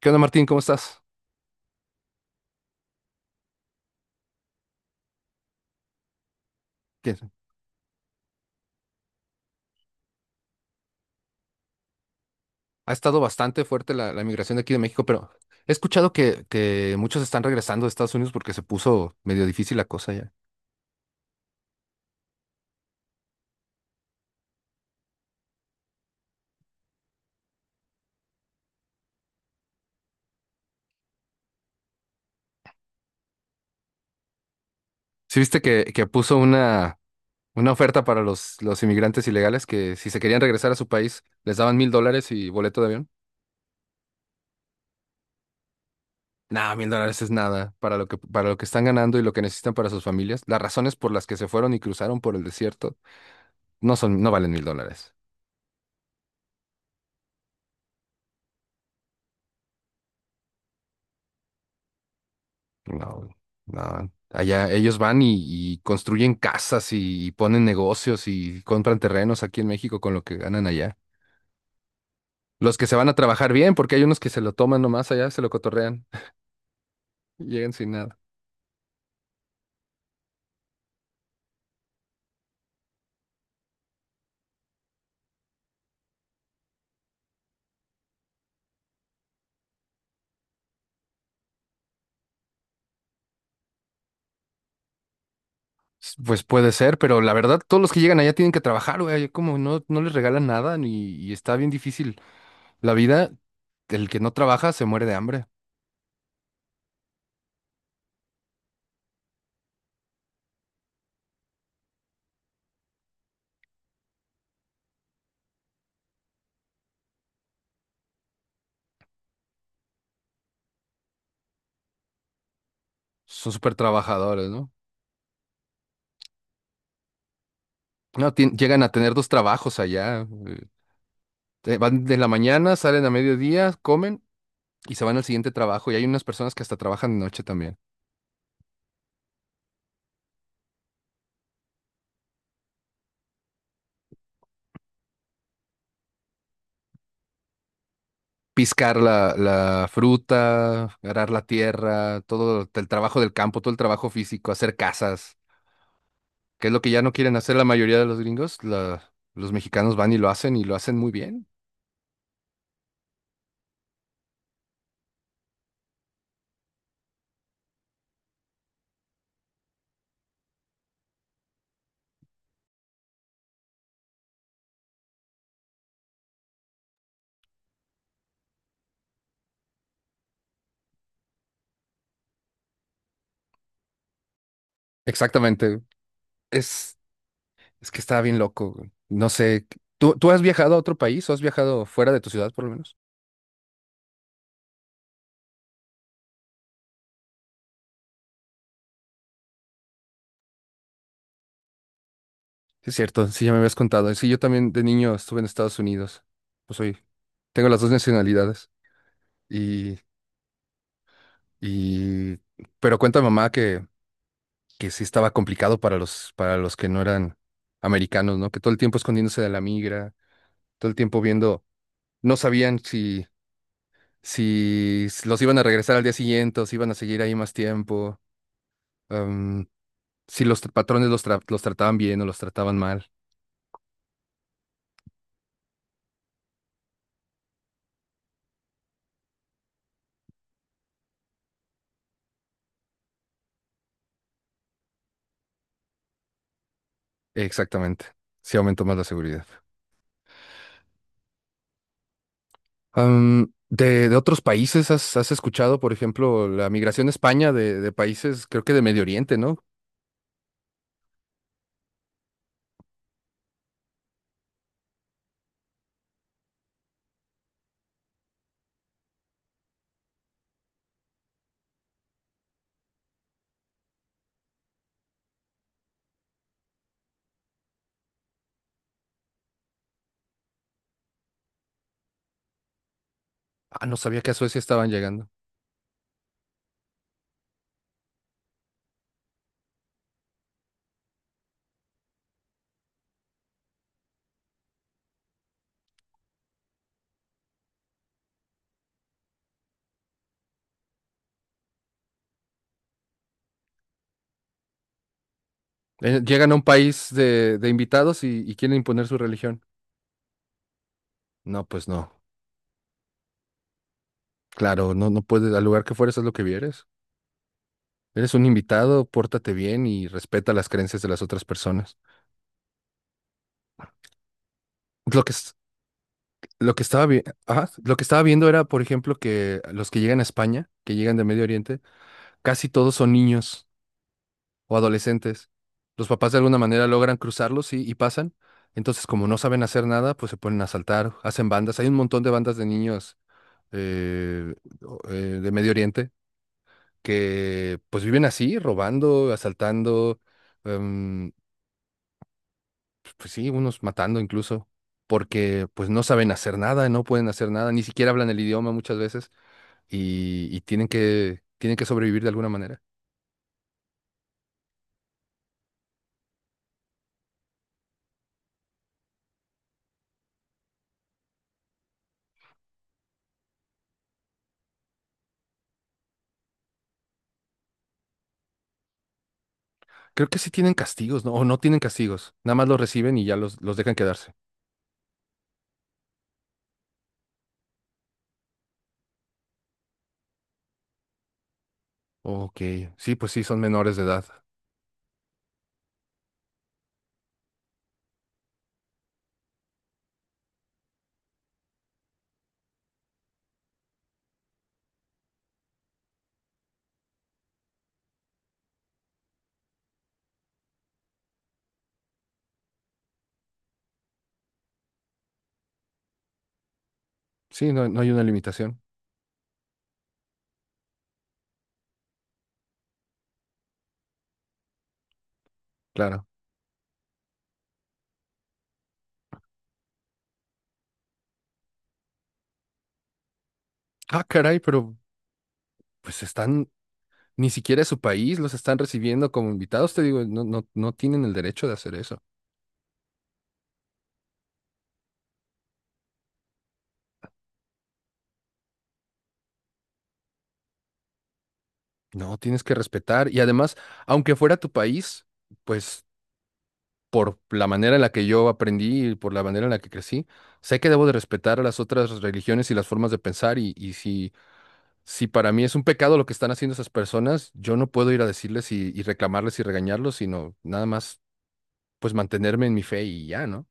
¿Qué onda, Martín? ¿Cómo estás? ¿Qué- Ha estado bastante fuerte la migración de aquí de México, pero he escuchado que muchos están regresando de Estados Unidos porque se puso medio difícil la cosa ya. ¿Sí viste que puso una oferta para los inmigrantes ilegales que si se querían regresar a su país les daban $1,000 y boleto de avión? Nah, $1,000 es nada para lo que están ganando y lo que necesitan para sus familias. Las razones por las que se fueron y cruzaron por el desierto no valen $1,000. No, no. Allá ellos van y construyen casas y, ponen negocios y compran terrenos aquí en México con lo que ganan allá. Los que se van a trabajar bien, porque hay unos que se lo toman nomás allá, se lo cotorrean, y llegan sin nada. Pues puede ser, pero la verdad, todos los que llegan allá tienen que trabajar, güey. Como no les regalan nada ni, y está bien difícil. La vida, el que no trabaja se muere de hambre. Son súper trabajadores, ¿no? No, llegan a tener 2 trabajos allá. Van de la mañana, salen a mediodía, comen y se van al siguiente trabajo. Y hay unas personas que hasta trabajan de noche también. Piscar la fruta, arar la tierra, todo el trabajo del campo, todo el trabajo físico, hacer casas, que es lo que ya no quieren hacer la mayoría de los gringos. Los mexicanos van y lo hacen muy bien. Exactamente. Es, es que estaba bien loco, güey. No sé. ¿Tú has viajado a otro país o has viajado fuera de tu ciudad, por lo menos? Sí, es cierto, sí, ya me habías contado. Sí, yo también de niño estuve en Estados Unidos. Pues soy, Tengo las dos nacionalidades. Y Y, pero cuenta mamá que sí estaba complicado para los que no eran americanos, ¿no? Que todo el tiempo escondiéndose de la migra, todo el tiempo viendo, no sabían si los iban a regresar al día siguiente o si iban a seguir ahí más tiempo, am, si los patrones los trataban bien o los trataban mal. Exactamente. Sí aumentó más la seguridad. De otros países, has escuchado, por ejemplo, la migración a España de países, creo que de Medio Oriente, ¿no? Ah, no sabía que a Suecia estaban llegando. Llegan a un país de invitados y quieren imponer su religión. No, pues no. Claro, no puedes, al lugar que fueres, haz lo que vieres. Eres un invitado, pórtate bien y respeta las creencias de las otras personas. Lo que, es- lo que estaba viendo era, por ejemplo, que los que llegan a España, que llegan de Medio Oriente, casi todos son niños. O adolescentes. Los papás de alguna manera logran cruzarlos y pasan. Entonces, como no saben hacer nada, pues se ponen a asaltar, hacen bandas. Hay un montón de bandas de niños eh, o- eh, de Medio Oriente que pues viven así, robando, asaltando, em, pues sí, unos matando incluso, porque pues no saben hacer nada, no pueden hacer nada, ni siquiera hablan el idioma muchas veces y, tienen que sobrevivir de alguna manera. Creo que sí tienen castigos, ¿no? O no tienen castigos. Nada más los reciben y ya los dejan quedarse. Ok, sí, pues sí, son menores de edad. Sí, no, no hay una limitación, claro. Ah, caray, pero pues están, ni siquiera es su país, los están recibiendo como invitados, te digo, no tienen el derecho de hacer eso. No, tienes que respetar. Y además, aunque fuera tu país, pues por la manera en la que yo aprendí y por la manera en la que crecí, sé que debo de respetar a las otras religiones y las formas de pensar. Y si para mí es un pecado lo que están haciendo esas personas, yo no puedo ir a decirles y reclamarles y regañarlos, sino nada más pues mantenerme en mi fe y ya, ¿no?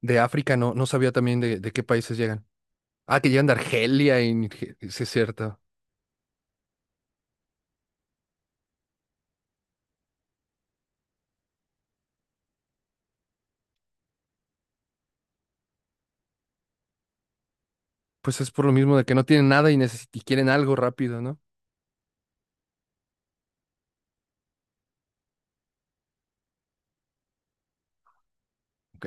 De África no, no sabía también de qué países llegan. Ah, que llegan de Argelia y sí es cierto. Pues es por lo mismo de que no tienen nada y, y quieren algo rápido, ¿no? Ok.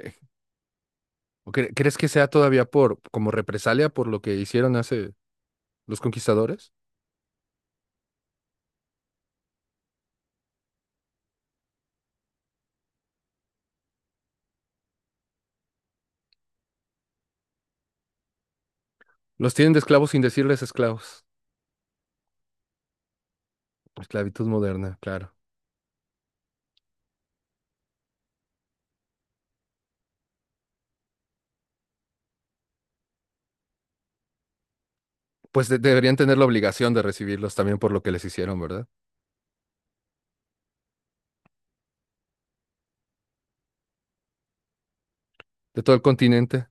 Crees que sea todavía por como represalia por lo que hicieron hace los conquistadores? Los tienen de esclavos sin decirles esclavos. Esclavitud moderna, claro. Pues deberían tener la obligación de recibirlos también por lo que les hicieron, ¿verdad? De todo el continente.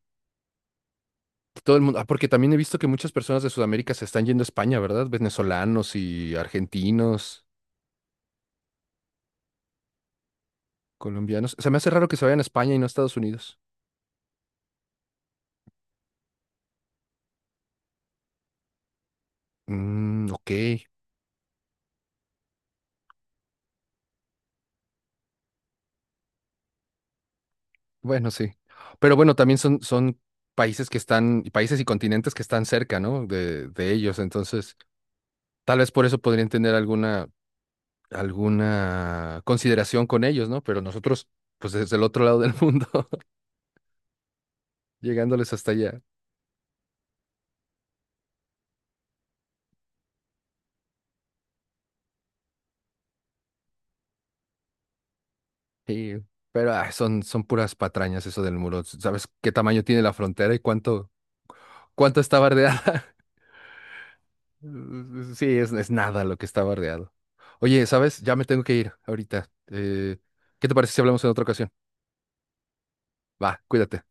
Todo el mundo, ah, porque también he visto que muchas personas de Sudamérica se están yendo a España, ¿verdad? Venezolanos y argentinos, colombianos. Se me hace raro que se vayan a España y no a Estados Unidos. Mm, ok, bueno, sí. Pero bueno, también son países que están, países y continentes que están cerca, ¿no? De ellos. Entonces, tal vez por eso podrían tener alguna consideración con ellos, ¿no? Pero nosotros, pues desde el otro lado del mundo, llegándoles hasta allá. Sí, pero ah, son puras patrañas eso del muro. ¿Sabes qué tamaño tiene la frontera y cuánto está bardeada? Mm, sí, es nada lo que está bardeado. Oye, ¿sabes? Ya me tengo que ir ahorita. ¿Qué te parece si hablamos en otra ocasión? Va, cuídate.